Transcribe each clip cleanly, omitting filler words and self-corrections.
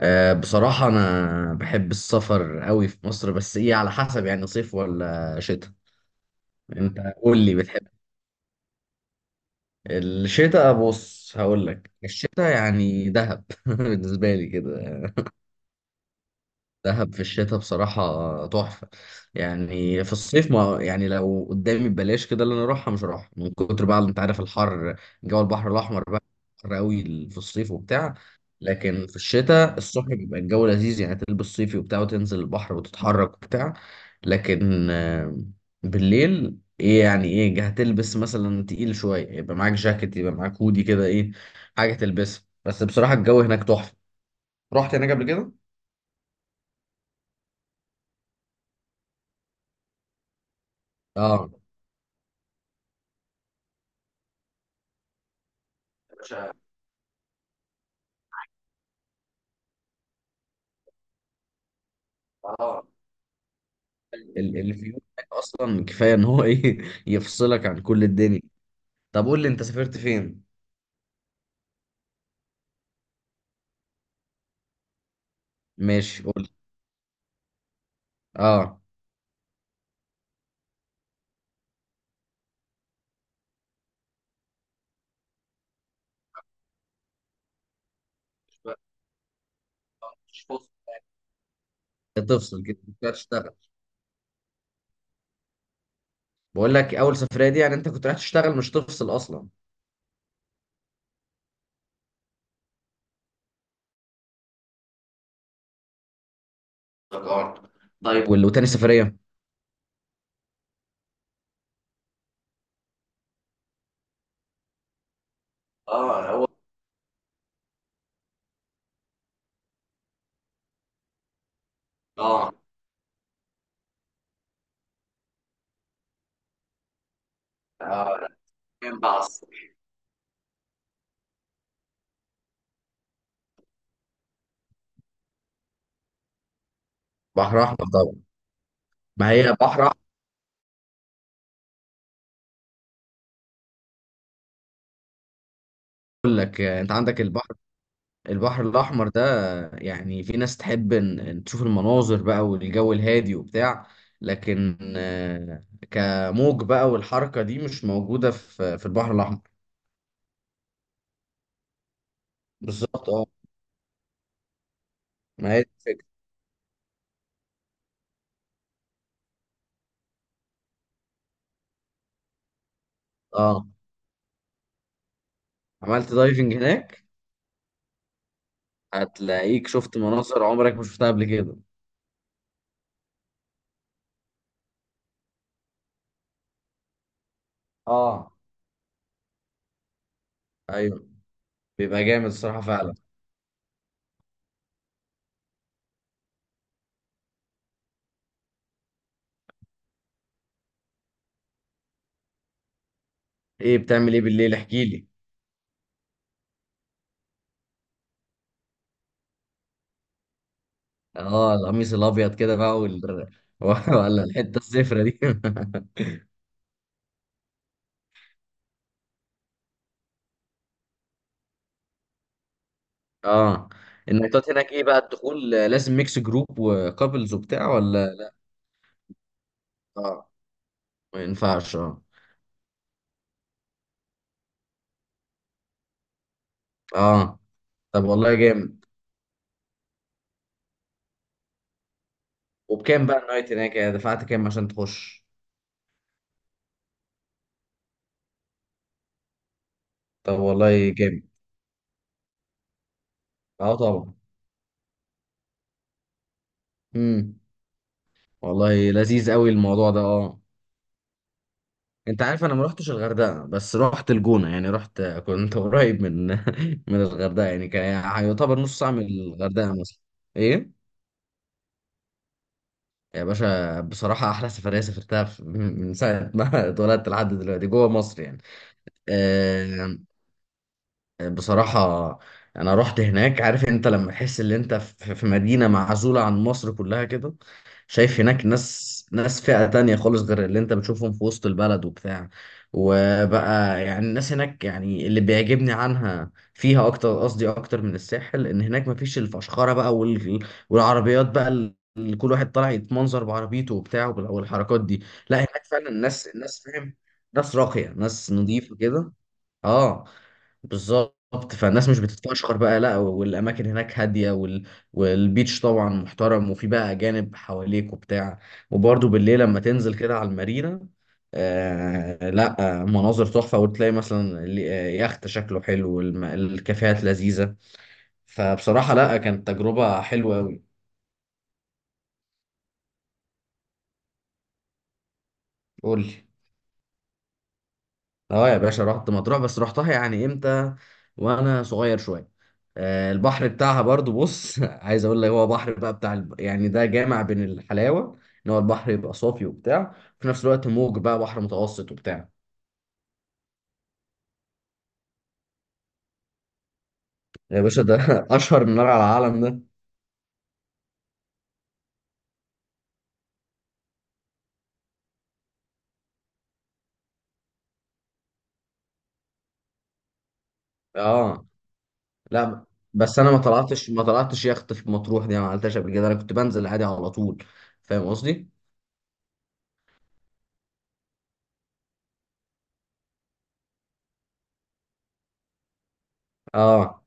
أه، بصراحة أنا بحب السفر قوي في مصر، بس إيه على حسب، يعني صيف ولا شتاء. أنت قول لي، بتحب؟ الشتاء بص، هقول لك الشتاء يعني دهب بالنسبة لي كده. دهب في الشتاء بصراحة تحفة. يعني في الصيف، ما يعني لو قدامي ببلاش كده اللي انا اروحها مش هروحها من كتر، بقى انت عارف الحر. جو البحر الاحمر بقى حر قوي في الصيف وبتاع. لكن في الشتاء الصبح بيبقى الجو لذيذ، يعني تلبس صيفي وبتاع وتنزل البحر وتتحرك وبتاع. لكن بالليل ايه، يعني ايه هتلبس مثلا تقيل شوية، يبقى معاك جاكيت يبقى معاك هودي كده، ايه حاجة تلبسها. بس بصراحة الجو هناك تحفة. رحت هناك قبل كده؟ اه اه. الفيو بتاعك اصلا كفايه ان هو ايه يفصلك عن كل الدنيا. طب قول لي انت سافرت فين. ماشي قول لي. اه مش بقى- مش فاصل. تفصل كده مش رايح تشتغل. بقول لك اول سفريه دي يعني انت كنت رايح تشتغل مش تفصل اصلا. افتكرت. طيب وتاني سفريه؟ اه هو. اه اه، كان بقى على الصبح. بحر احمر طبعا. ما هي بحر احمر. اقول لك انت عندك البحر. البحر الأحمر ده، يعني في ناس تحب إن تشوف المناظر بقى والجو الهادي وبتاع، لكن كموج بقى والحركة دي مش موجودة في البحر الأحمر. بالظبط اه. ما هي دي الفكرة. اه، عملت دايفنج هناك. هتلاقيك شفت مناظر عمرك ما شفتها قبل كده. اه ايوه، بيبقى جامد الصراحة فعلا. ايه بتعمل ايه بالليل؟ احكي لي. اه القميص الابيض كده بقى ولا الحتة الزفرة دي؟ اه. النايتات هناك ايه بقى الدخول؟ لازم ميكس جروب وكابلز وبتاع ولا؟ اه ما ينفعش، اه اه. طب والله جامد. وبكام بقى النايت هناك، يعني دفعت كام عشان تخش؟ طب والله جامد. اه طبعا. امم. والله لذيذ قوي الموضوع ده، اه. انت عارف انا ما رحتش الغردقه، بس رحت الجونه يعني، رحت كنت قريب من من الغردقه يعني، كان يعني يعتبر نص ساعه من الغردقه مثلا. ايه يا باشا، بصراحة أحلى سفرية سافرتها من ساعة ما اتولدت لحد دلوقتي جوه مصر يعني. آه، بصراحة أنا رحت هناك. عارف أنت لما تحس إن أنت في مدينة معزولة عن مصر كلها كده؟ شايف هناك ناس فئة تانية خالص غير اللي انت بتشوفهم في وسط البلد وبتاع. وبقى يعني الناس هناك يعني، اللي بيعجبني عنها فيها اكتر، قصدي اكتر من الساحل، ان هناك مفيش الفشخرة بقى والعربيات بقى اللي كل واحد طالع يتمنظر بعربيته وبتاع والحركات دي. لا هناك فعلا الناس، فاهم؟ ناس راقية ناس نظيفة كده. اه بالظبط، فالناس مش بتتفشخر بقى لا، والاماكن هناك هاديه والبيتش طبعا محترم، وفي بقى اجانب حواليك وبتاع. وبرده بالليل لما تنزل كده على المارينا، آه لا مناظر تحفه، وتلاقي مثلا يخت شكله حلو الكافيهات لذيذه. فبصراحه لا، كانت تجربه حلوه قوي. قول لي. اه يا باشا رحت مطروح، بس رحتها يعني امتى وانا صغير شويه. البحر بتاعها برضو بص عايز اقول لك، هو بحر بقى بتاع يعني ده جامع بين الحلاوه، ان هو البحر يبقى صافي وبتاع، في نفس الوقت موج بقى، بحر متوسط وبتاع. يا باشا ده اشهر من نار على العالم ده. اه لا، بس انا ما طلعتش يخت في مطروح دي، أنا ما عملتهاش قبل كده، انا كنت بنزل عادي على طول. فاهم قصدي؟ اه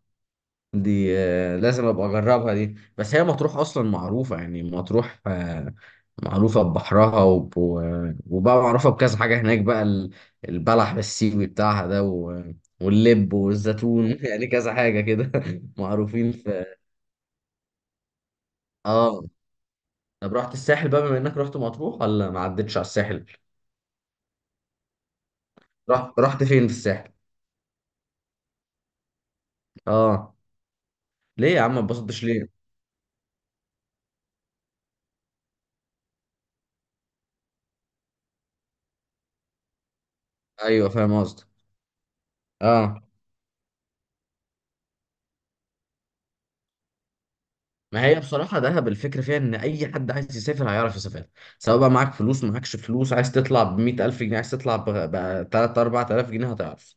دي لازم ابقى اجربها. دي بس هي مطروح اصلا معروفه يعني، مطروح معروفه ببحرها وبقى معروفه بكذا حاجه هناك بقى البلح بالسيوي بتاعها ده واللب والزيتون يعني كذا حاجه كده معروفين في. اه، طب رحت الساحل بقى بما انك رحت مطروح؟ ولا ما عدتش على الساحل؟ رحت فين في الساحل؟ اه ليه يا عم ما اتبسطتش؟ ليه؟ ايوه فاهم قصدك. اه ما هي بصراحة دهب الفكرة فيها إن أي حد عايز يسافر هيعرف يسافر، سواء بقى معاك فلوس معاكش فلوس، عايز تطلع ب100,000 جنيه، عايز تطلع بتلات أربعة آلاف جنيه، هتعرف.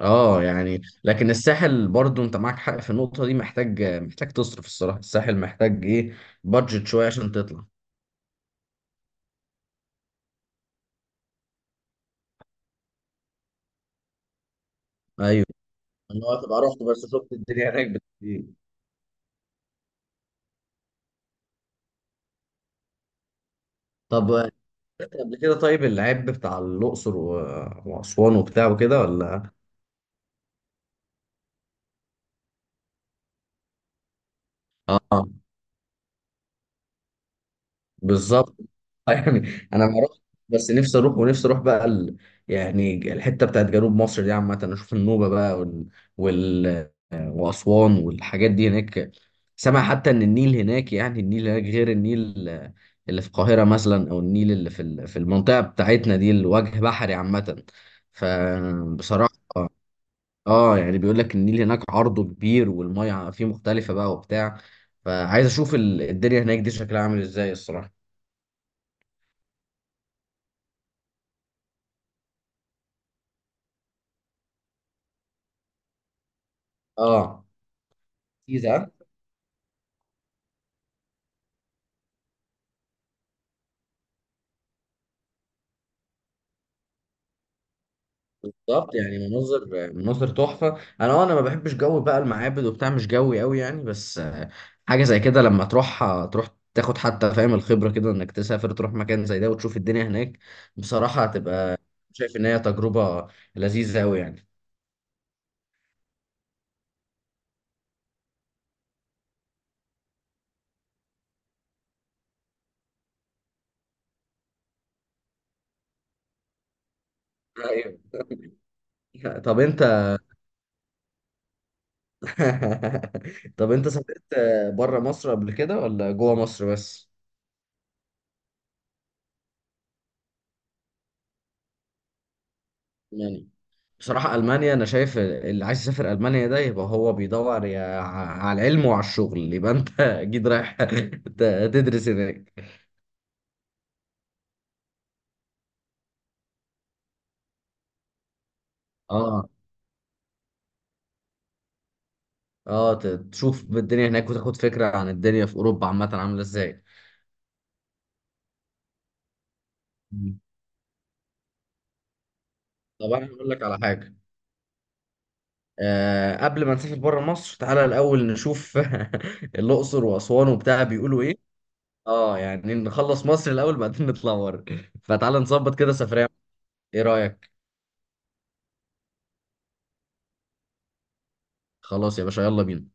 اه يعني لكن الساحل برضو انت معاك حق في النقطة دي، محتاج تصرف الصراحة. الساحل محتاج ايه، بادجت شوية عشان تطلع. ايوه، اللي هو تبقى رحت بس شفت الدنيا هناك إيه. طب رحت قبل كده طيب العيب بتاع الأقصر وأسوان وبتاع وكده ولا؟ اه بالظبط. يعني انا ما اروح. بس نفسي اروح، ونفسي اروح بقى يعني الحته بتاعت جنوب مصر دي عامه، اشوف النوبه بقى واسوان والحاجات دي هناك. سامع حتى ان النيل هناك، يعني النيل هناك غير النيل اللي في القاهره مثلا، او النيل اللي في المنطقه بتاعتنا دي الوجه بحري عامه. فبصراحه اه، يعني بيقول لك النيل هناك عرضه كبير والميه فيه مختلفه بقى وبتاع. فعايز اشوف الدنيا هناك دي شكلها عامل ازاي الصراحه. اه جيزة. بالظبط يعني مناظر، مناظر تحفة. انا اه، انا ما بحبش جو بقى المعابد وبتاع، مش جوي قوي يعني، بس حاجة زي كده لما تروح تروح تاخد حتى، فاهم الخبرة كده انك تسافر تروح مكان زي ده وتشوف الدنيا هناك. بصراحة هتبقى شايف ان هي تجربة لذيذة قوي يعني. ايوه طب انت طب انت سافرت بره مصر قبل كده ولا جوه مصر بس؟ بصراحة ألمانيا، أنا شايف اللي عايز يسافر ألمانيا ده يبقى هو بيدور على العلم وعلى الشغل، يبقى أنت أكيد رايح تدرس هناك. أه أه، تشوف الدنيا هناك وتاخد فكرة عن الدنيا في أوروبا عامة عاملة إزاي. مم. طب أنا هقول لك على حاجة. أه، قبل ما نسافر بره مصر تعالى الأول نشوف الأقصر وأسوان وبتاع بيقولوا إيه. أه يعني نخلص مصر الأول بعدين نطلع بره. فتعالى نظبط كده سفرية. إيه رأيك؟ خلاص يا باشا يلا بينا.